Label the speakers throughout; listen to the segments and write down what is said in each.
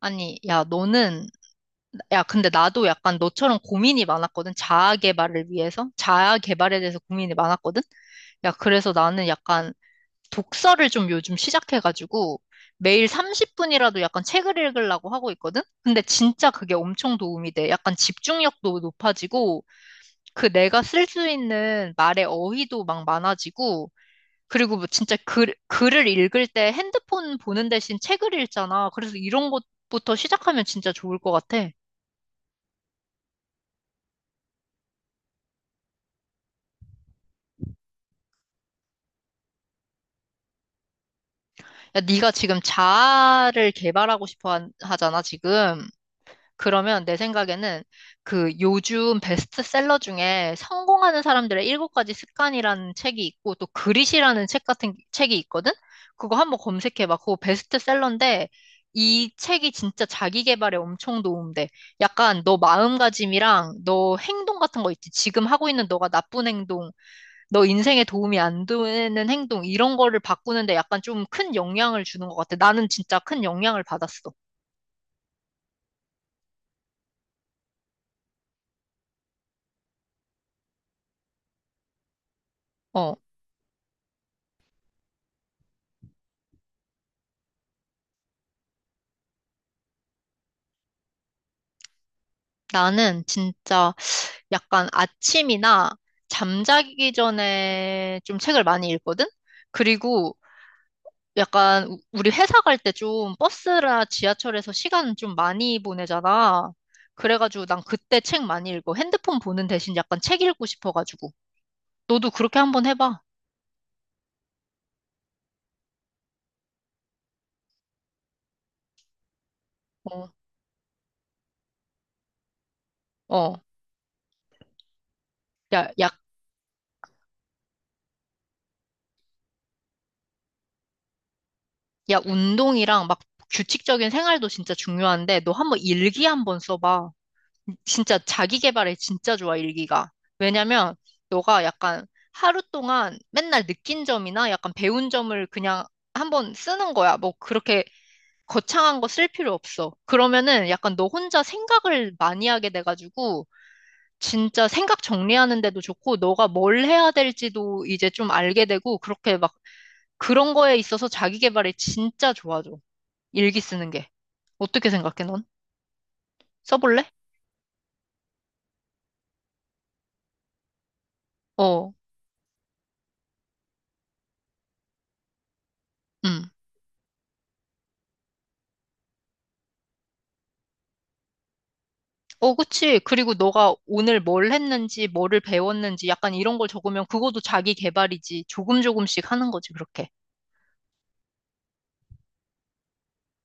Speaker 1: 아니, 야, 너는, 야, 근데 나도 약간 너처럼 고민이 많았거든. 자아 개발을 위해서? 자아 개발에 대해서 고민이 많았거든? 야, 그래서 나는 약간 독서를 좀 요즘 시작해가지고 매일 30분이라도 약간 책을 읽으려고 하고 있거든? 근데 진짜 그게 엄청 도움이 돼. 약간 집중력도 높아지고 그 내가 쓸 수 있는 말의 어휘도 막 많아지고, 그리고 뭐 진짜 글을 읽을 때 핸드폰 보는 대신 책을 읽잖아. 그래서 이런 것부터 시작하면 진짜 좋을 것 같아. 야, 네가 지금 자아를 개발하고 싶어 하잖아, 지금. 그러면 내 생각에는 그 요즘 베스트셀러 중에 성공하는 사람들의 일곱 가지 습관이라는 책이 있고 또 그릿이라는 책 같은 책이 있거든? 그거 한번 검색해봐. 그거 베스트셀러인데 이 책이 진짜 자기 개발에 엄청 도움돼. 약간 너 마음가짐이랑 너 행동 같은 거 있지. 지금 하고 있는 너가 나쁜 행동, 너 인생에 도움이 안 되는 행동 이런 거를 바꾸는데 약간 좀 큰 영향을 주는 것 같아. 나는 진짜 큰 영향을 받았어. 어. 나는 진짜 약간 아침이나 잠자기 전에 좀 책을 많이 읽거든? 그리고 약간 우리 회사 갈 때 좀 버스나 지하철에서 시간 좀 많이 보내잖아. 그래가지고 난 그때 책 많이 읽어. 핸드폰 보는 대신 약간 책 읽고 싶어가지고. 너도 그렇게 한번 해봐. 어, 어. 야, 야, 야, 운동이랑 막 규칙적인 생활도 진짜 중요한데 너 한번 일기 한번 써봐. 진짜 자기 개발에 진짜 좋아, 일기가. 왜냐면 너가 약간 하루 동안 맨날 느낀 점이나 약간 배운 점을 그냥 한번 쓰는 거야. 뭐 그렇게 거창한 거 쓸 필요 없어. 그러면은 약간 너 혼자 생각을 많이 하게 돼가지고 진짜 생각 정리하는 데도 좋고 너가 뭘 해야 될지도 이제 좀 알게 되고 그렇게 막 그런 거에 있어서 자기 개발에 진짜 좋아져. 일기 쓰는 게. 어떻게 생각해, 넌? 써볼래? 어. 음. 어, 그치. 그리고 너가 오늘 뭘 했는지, 뭐를 배웠는지, 약간 이런 걸 적으면 그것도 자기 개발이지. 조금 조금씩 하는 거지, 그렇게.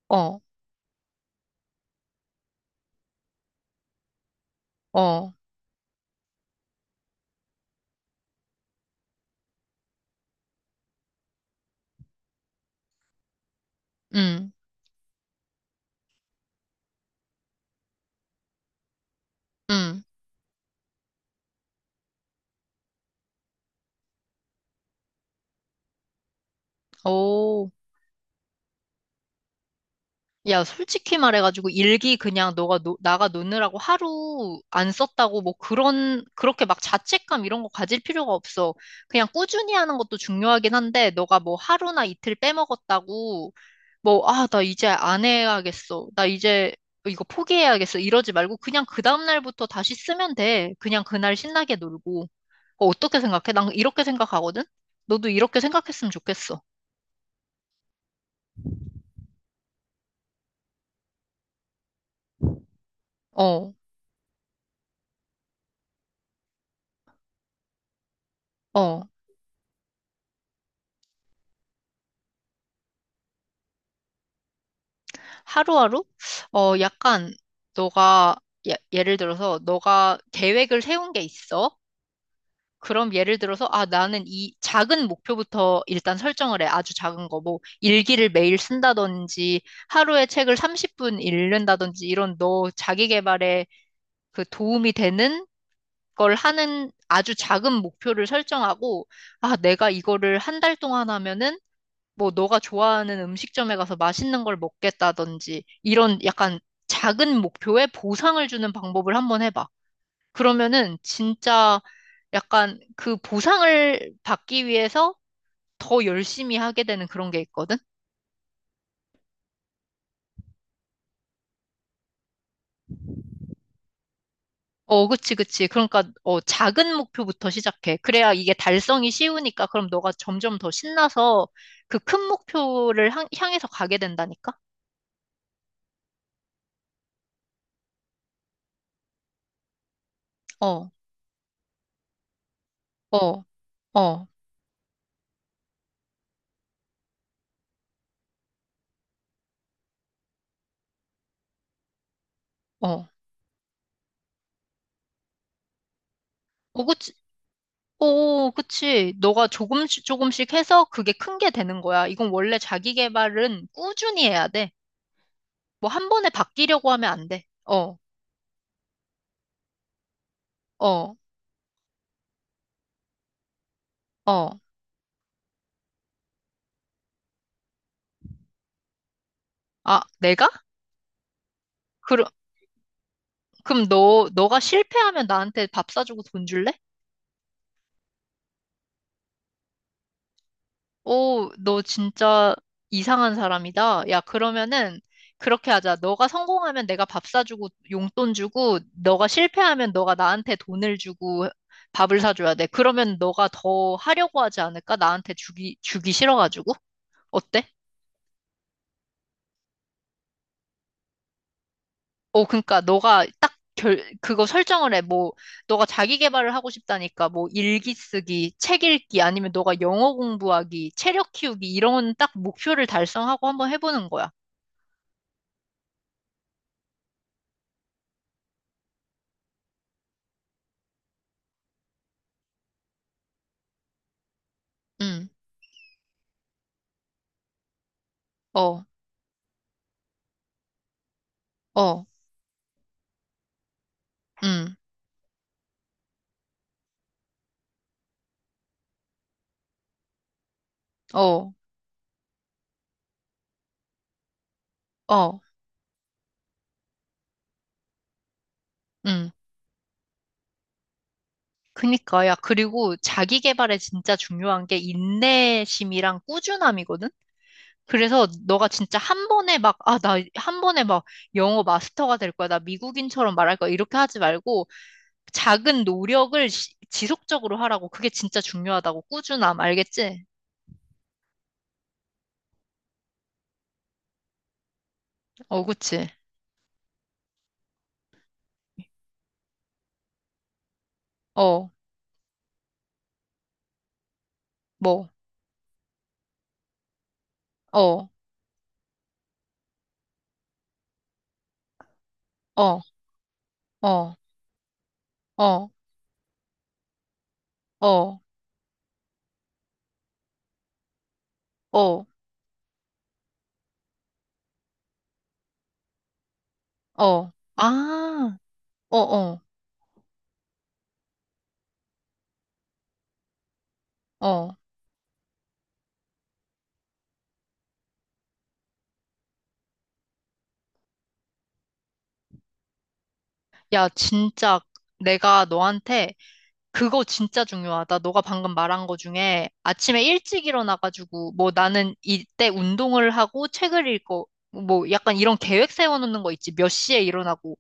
Speaker 1: 어, 어, 음, 음, 오. 야, 솔직히 말해가지고 일기 그냥 나가 놓느라고 하루 안 썼다고 뭐 그런, 그렇게 막 자책감 이런 거 가질 필요가 없어. 그냥 꾸준히 하는 것도 중요하긴 한데, 너가 뭐 하루나 이틀 빼먹었다고 뭐, 아, 나 이제 안 해야겠어. 나 이제 이거 포기해야겠어. 이러지 말고 그냥 그 다음날부터 다시 쓰면 돼. 그냥 그날 신나게 놀고. 어, 어떻게 생각해? 난 이렇게 생각하거든? 너도 이렇게 생각했으면 좋겠어. 어, 어. 하루하루? 어, 약간 너가, 예, 예를 들어서 너가 계획을 세운 게 있어. 그럼 예를 들어서, 아, 나는 이 작은 목표부터 일단 설정을 해. 아주 작은 거. 뭐, 일기를 매일 쓴다든지, 하루에 책을 30분 읽는다든지, 이런 너 자기 개발에 그 도움이 되는 걸 하는 아주 작은 목표를 설정하고, 아, 내가 이거를 한 달 동안 하면은, 뭐, 너가 좋아하는 음식점에 가서 맛있는 걸 먹겠다든지, 이런 약간 작은 목표에 보상을 주는 방법을 한번 해봐. 그러면은 진짜 약간 그 보상을 받기 위해서 더 열심히 하게 되는 그런 게 있거든? 어, 그치, 그치. 그러니까, 어, 작은 목표부터 시작해. 그래야 이게 달성이 쉬우니까 그럼 너가 점점 더 신나서 그 큰 목표를 향해서 가게 된다니까? 어, 어, 어, 어. 어, 그치. 오, 그치. 너가 조금씩 조금씩 해서 그게 큰 게 되는 거야. 이건 원래 자기 개발은 꾸준히 해야 돼. 뭐 한 번에 바뀌려고 하면 안 돼. 어, 어. 어. 아, 내가? 그럼, 그럼 너가 실패하면 나한테 밥 사주고 돈 줄래? 오, 너 진짜 이상한 사람이다. 야, 그러면은 그렇게 하자. 너가 성공하면 내가 밥 사주고 용돈 주고, 너가 실패하면 너가 나한테 돈을 주고 밥을 사줘야 돼. 그러면 너가 더 하려고 하지 않을까? 나한테 주기 싫어가지고. 어때? 어, 그러니까 너가 딱 그거 설정을 해. 뭐, 너가 자기 개발을 하고 싶다니까, 뭐, 일기 쓰기, 책 읽기, 아니면 너가 영어 공부하기, 체력 키우기, 이런 딱 목표를 달성하고 한번 해보는 거야. 응, 어, 어, 응, 어, 어, 응. 그니까, 야, 그리고 자기 개발에 진짜 중요한 게 인내심이랑 꾸준함이거든? 그래서 너가 진짜 한 번에 막, 아, 나 한 번에 막 영어 마스터가 될 거야. 나 미국인처럼 말할 거야. 이렇게 하지 말고, 작은 노력을 지속적으로 하라고. 그게 진짜 중요하다고. 꾸준함, 알겠지? 어, 그치. 어, 뭐, 어, 어, 어, 어, 어, 어, 어. 아, 어, 어, 어. 야, 진짜 내가 너한테 그거 진짜 중요하다. 너가 방금 말한 거 중에 아침에 일찍 일어나가지고 뭐 나는 이때 운동을 하고 책을 읽고 뭐 약간 이런 계획 세워놓는 거 있지. 몇 시에 일어나고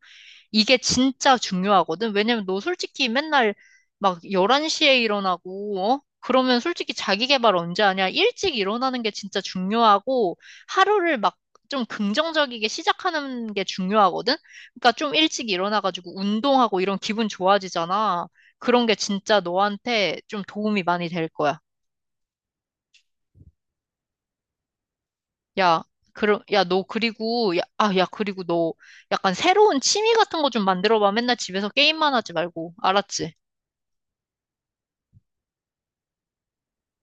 Speaker 1: 이게 진짜 중요하거든. 왜냐면 너 솔직히 맨날 막 11시에 일어나고, 어? 그러면 솔직히 자기 개발 언제 하냐? 일찍 일어나는 게 진짜 중요하고, 하루를 막 좀 긍정적이게 시작하는 게 중요하거든? 그러니까 좀 일찍 일어나가지고 운동하고 이런 기분 좋아지잖아. 그런 게 진짜 너한테 좀 도움이 많이 될 거야. 야, 그럼, 야, 너 그리고, 야, 아, 야, 그리고 너 약간 새로운 취미 같은 거 좀 만들어봐. 맨날 집에서 게임만 하지 말고. 알았지?